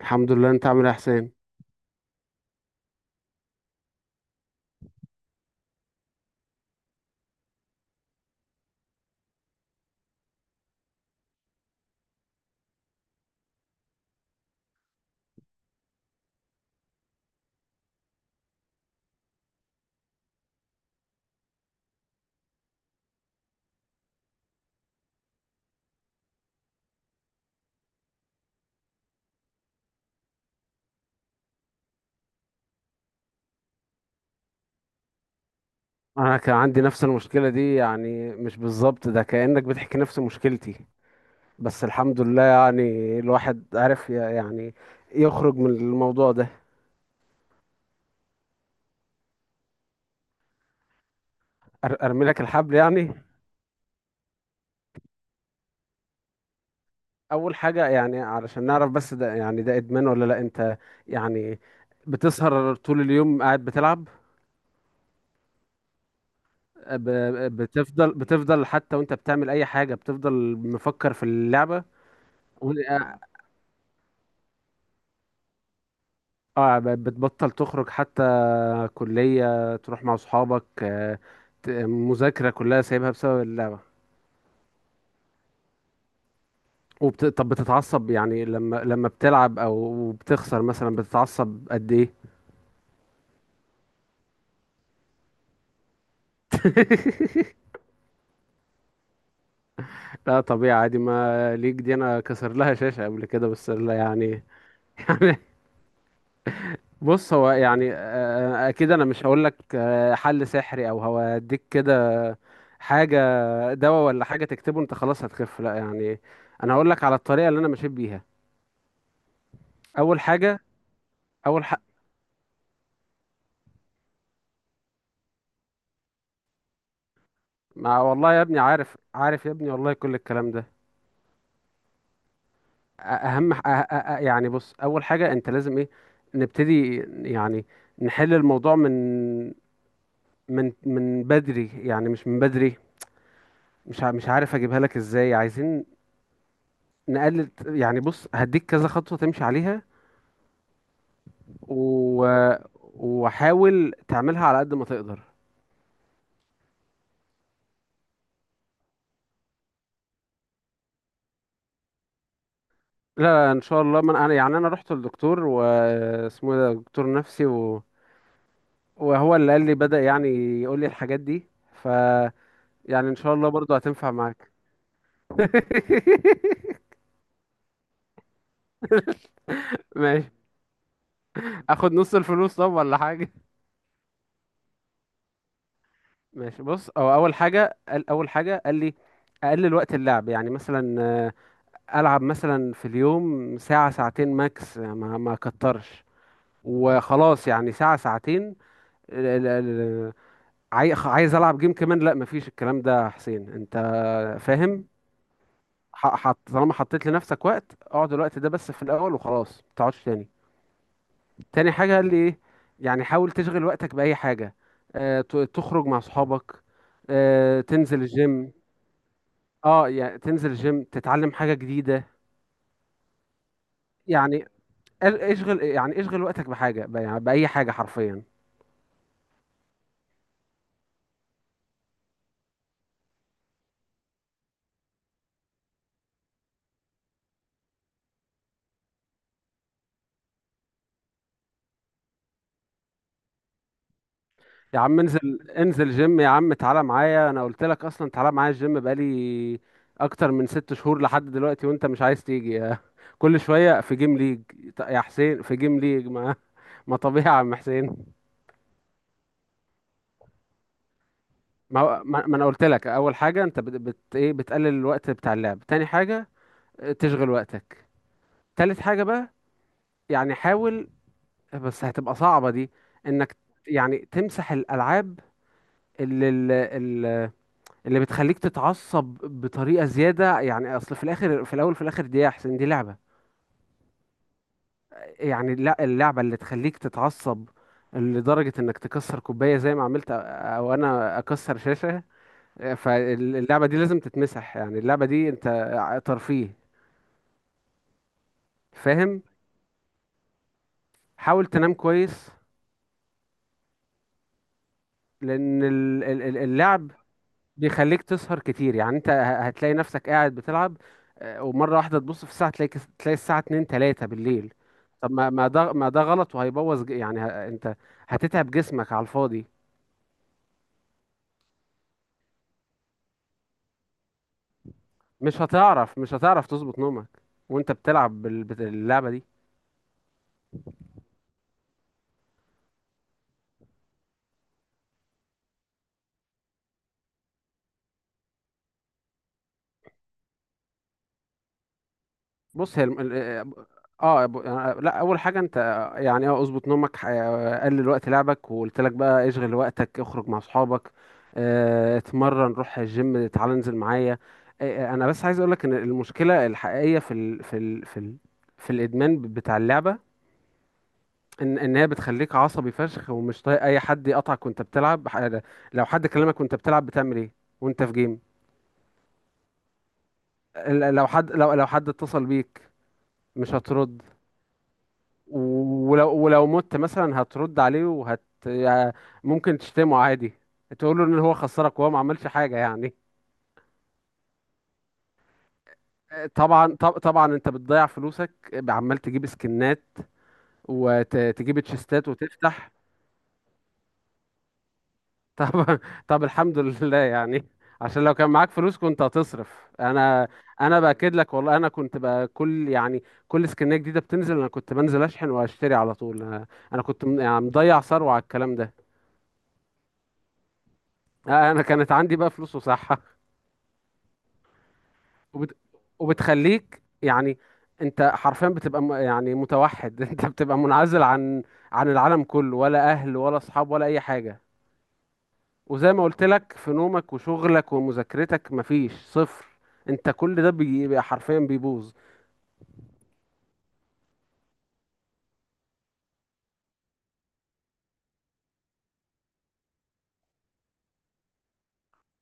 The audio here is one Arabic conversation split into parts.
الحمد لله. انت عامل ايه يا حسين؟ انا كان عندي نفس المشكله دي، يعني مش بالظبط، ده كانك بتحكي نفس مشكلتي. بس الحمد لله، يعني الواحد عرف يعني يخرج من الموضوع ده. ارمي لك الحبل يعني. اول حاجه، يعني علشان نعرف بس ده يعني ده ادمان ولا لا. انت يعني بتسهر طول اليوم قاعد بتلعب؟ بتفضل بتفضل حتى وانت بتعمل اي حاجه بتفضل مفكر في اللعبه. و- اه بتبطل تخرج حتى؟ كليه، تروح مع اصحابك، مذاكره كلها سايبها بسبب اللعبه. طب بتتعصب يعني لما بتلعب او بتخسر مثلا؟ بتتعصب قد ايه؟ لا طبيعي عادي ما ليك، دي انا كسر لها شاشة قبل كده، بس لا يعني. بص، هو يعني اكيد انا مش هقول لك حل سحري او هوديك كده حاجه، دواء ولا حاجه تكتبه انت خلاص هتخف، لا يعني. انا هقول لك على الطريقه اللي انا مشيت بيها. اول حاجه، اول حق. ما والله يا ابني، عارف عارف يا ابني والله، كل الكلام ده. أ- اهم ح- أ- أ- أ- يعني بص، اول حاجه انت لازم ايه؟ نبتدي يعني نحل الموضوع من بدري، يعني مش من بدري. مش عارف اجيبها لك ازاي. عايزين نقلل. يعني بص، هديك كذا خطوة تمشي عليها، و... وحاول تعملها على قد ما تقدر. لا، لا، ان شاء الله. من انا يعني انا رحت للدكتور واسمه ده دكتور نفسي، وهو اللي قال لي، بدأ يعني يقول لي الحاجات دي، ف يعني ان شاء الله برضو هتنفع معاك. ماشي. اخد نص الفلوس طب ولا حاجة. ماشي بص، هو اول حاجة قال لي اقلل وقت اللعب، يعني مثلا العب مثلا في اليوم ساعة ساعتين ماكس، ما اكترش. وخلاص يعني ساعة ساعتين. ال- ال- ال- عايز العب جيم كمان؟ لا، مفيش الكلام ده يا حسين، انت فاهم؟ حط طالما حطيت لنفسك وقت، اقعد الوقت ده بس في الاول وخلاص، ما تقعدش تاني. تاني حاجة قال لي ايه؟ يعني حاول تشغل وقتك بأي حاجة. اه، تخرج مع صحابك، اه تنزل الجيم. اه يعني تنزل الجيم، تتعلم حاجة جديدة. يعني اشغل وقتك بحاجه، يعني باي حاجه حرفيا. يا عم انزل انزل جيم يا عم، تعالى معايا، انا قلت لك اصلا تعالى معايا الجيم بقالي اكتر من ست شهور لحد دلوقتي وانت مش عايز تيجي يا... كل شويه في جيم ليج، يا حسين في جيم ليج، ما... ما طبيعي يا عم حسين. ما هو- ما ما انا قلت لك اول حاجه، انت بت ايه؟ بتقلل الوقت بتاع اللعب. تاني حاجه، اه، تشغل وقتك. تالت حاجه بقى، يعني حاول، بس هتبقى صعبه دي، انك يعني تمسح الالعاب اللي اللي اللي بتخليك تتعصب بطريقة زيادة. يعني اصل في الاخر، في الاول، في الاخر، دي يا حسين دي لعبة يعني. لا، اللعبة اللي تخليك تتعصب لدرجة انك تكسر كوباية زي ما عملت، او انا اكسر شاشة، فاللعبة دي لازم تتمسح. يعني اللعبة دي انت ترفيه، فاهم؟ حاول تنام كويس، لان اللعب بيخليك تسهر كتير، يعني انت هتلاقي نفسك قاعد بتلعب، ومرة واحدة تبص في الساعة، تلاقي تلاقي الساعة 2 3 بالليل. طب ما ده غلط، وهيبوظ، يعني انت هتتعب جسمك على الفاضي. مش هتعرف تظبط نومك وانت بتلعب اللعبة دي. بص هي الم... ال- اه ب- يعني لا، اول حاجه انت، يعني اظبط نومك، قلل وقت لعبك، وقلت لك بقى اشغل وقتك، اخرج مع اصحابك، اتمرن، روح الجيم، تعالى انزل معايا. انا بس عايز اقول لك ان المشكله الحقيقيه في الادمان بتاع اللعبه، ان هي بتخليك عصبي فشخ، ومش طايق اي حد يقطعك وانت بتلعب. لو حد كلمك وانت بتلعب بتعمل ايه؟ وانت في جيم، ال- لو حد لو لو حد اتصل بيك مش هترد، ولو مت مثلا هترد عليه، ممكن تشتمه عادي، تقول له ان هو خسرك وهو ما عملش حاجه يعني. طبعا طبعا انت بتضيع فلوسك، عمال تجيب سكنات وتجيب تشيستات وتفتح. طب طب الحمد لله يعني، عشان لو كان معاك فلوس كنت هتصرف. انا، انا باكد لك والله، انا كنت بقى كل يعني كل سكنيه جديده بتنزل انا كنت بنزل اشحن واشتري على طول. انا، أنا كنت يعني مضيع ثروه على الكلام ده. انا كانت عندي بقى فلوس وصحه، وبت... وبتخليك يعني انت حرفيا بتبقى يعني متوحد. انت بتبقى منعزل عن العالم كله، ولا اهل ولا اصحاب ولا اي حاجة. وزي ما قلت لك في نومك وشغلك ومذاكرتك مفيش صفر، انت كل ده بيبقى حرفيا بيبوظ.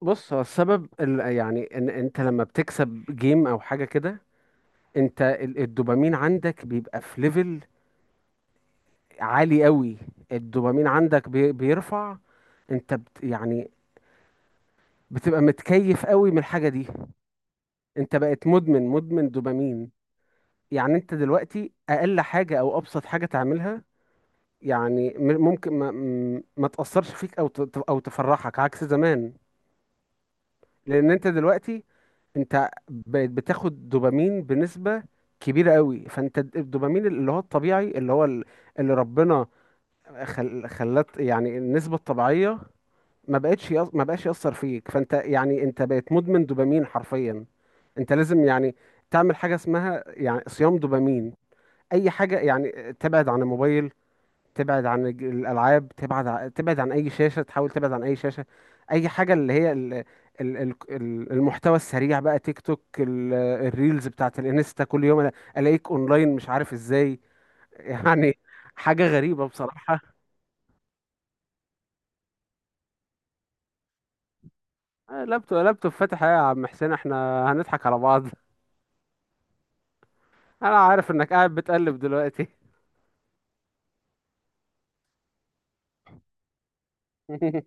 بص، هو السبب يعني ان انت لما بتكسب جيم او حاجة كده، انت الدوبامين عندك بيبقى في ليفل عالي قوي. الدوبامين عندك بيرفع. انت يعني بتبقى متكيف قوي من الحاجة دي. انت بقت مدمن مدمن دوبامين. يعني انت دلوقتي اقل حاجة او ابسط حاجة تعملها، يعني م- ممكن ما م- ما تأثرش فيك او او تفرحك عكس زمان، لان انت دلوقتي، انت بقيت بتاخد دوبامين بنسبة كبيرة قوي. فانت الدوبامين اللي هو الطبيعي، اللي هو اللي ربنا خلت يعني النسبة الطبيعية ما بقتش يص... ما بقاش يأثر فيك. فانت يعني انت بقيت مدمن دوبامين حرفيا. انت لازم يعني تعمل حاجة اسمها يعني صيام دوبامين. اي حاجة، يعني تبعد عن الموبايل، تبعد عن الالعاب، تبعد تبعد عن اي شاشة، تحاول تبعد عن اي شاشة. اي حاجة اللي هي المحتوى السريع بقى، تيك توك، الريلز بتاعت الانستا. كل يوم أنا الاقيك اونلاين، مش عارف ازاي. يعني حاجة غريبة بصراحة. لابتوب لابتوب فاتح إيه يا عم حسين، احنا هنضحك على بعض؟ انا عارف انك قاعد بتقلب دلوقتي.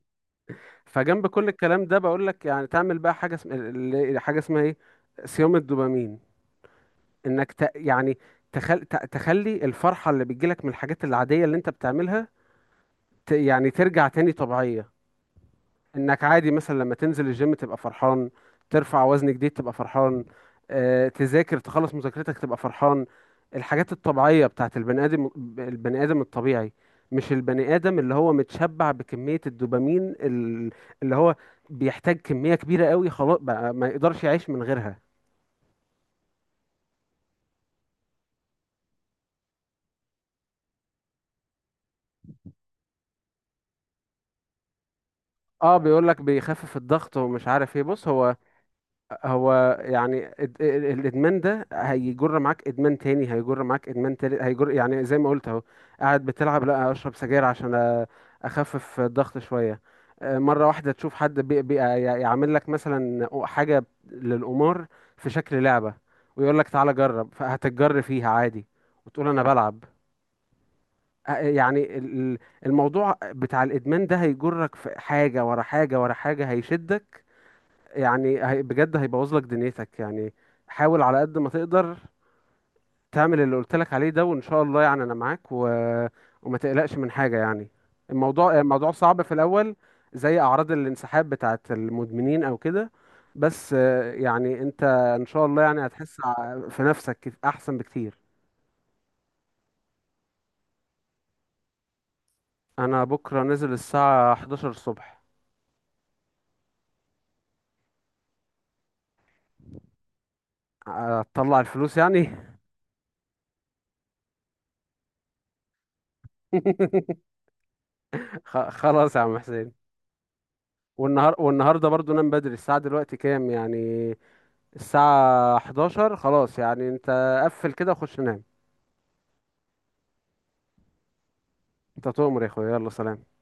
فجنب كل الكلام ده بقول لك، يعني تعمل بقى حاجه اسمها ايه؟ صيام الدوبامين. انك يعني تخلي الفرحه اللي بتجيلك من الحاجات العاديه اللي انت بتعملها يعني ترجع تاني طبيعيه. انك عادي مثلا لما تنزل الجيم تبقى فرحان، ترفع وزن جديد تبقى فرحان، تذاكر تخلص مذاكرتك تبقى فرحان. الحاجات الطبيعية بتاعت البني آدم، البني آدم الطبيعي، مش البني آدم اللي هو متشبع بكمية الدوبامين، اللي هو بيحتاج كمية كبيرة قوي، خلاص بقى ما يقدرش يعيش من غيرها. اه، بيقول لك بيخفف الضغط ومش عارف ايه. بص هو، هو يعني الادمان ده هيجر معاك ادمان تاني، هيجر معاك ادمان تالت، هيجر يعني زي ما قلت اهو. قاعد بتلعب، لا اشرب سجاير عشان أ- اخفف الضغط شويه. مره واحده تشوف حد يعمل لك مثلا حاجه للقمار في شكل لعبه، ويقول لك تعالى جرب، فهتتجر فيها عادي، وتقول انا بلعب. يعني الموضوع بتاع الادمان ده هيجرك في حاجه ورا حاجه ورا حاجه، هيشدك، يعني بجد هيبوظ لك دنيتك يعني. حاول على قد ما تقدر تعمل اللي قلت لك عليه ده، وان شاء الله يعني انا معاك، وما تقلقش من حاجة يعني. الموضوع صعب في الاول، زي اعراض الانسحاب بتاعت المدمنين او كده. بس يعني انت ان شاء الله يعني هتحس في نفسك احسن بكتير. انا بكرة نزل الساعة 11 الصبح. هتطلع الفلوس يعني؟ خلاص يا عم حسين. والنهارده برضو نام بدري، الساعة دلوقتي كام يعني؟ الساعة 11، خلاص يعني انت قفل كده وخش نام. انت تؤمر يا اخويا، يلا سلام.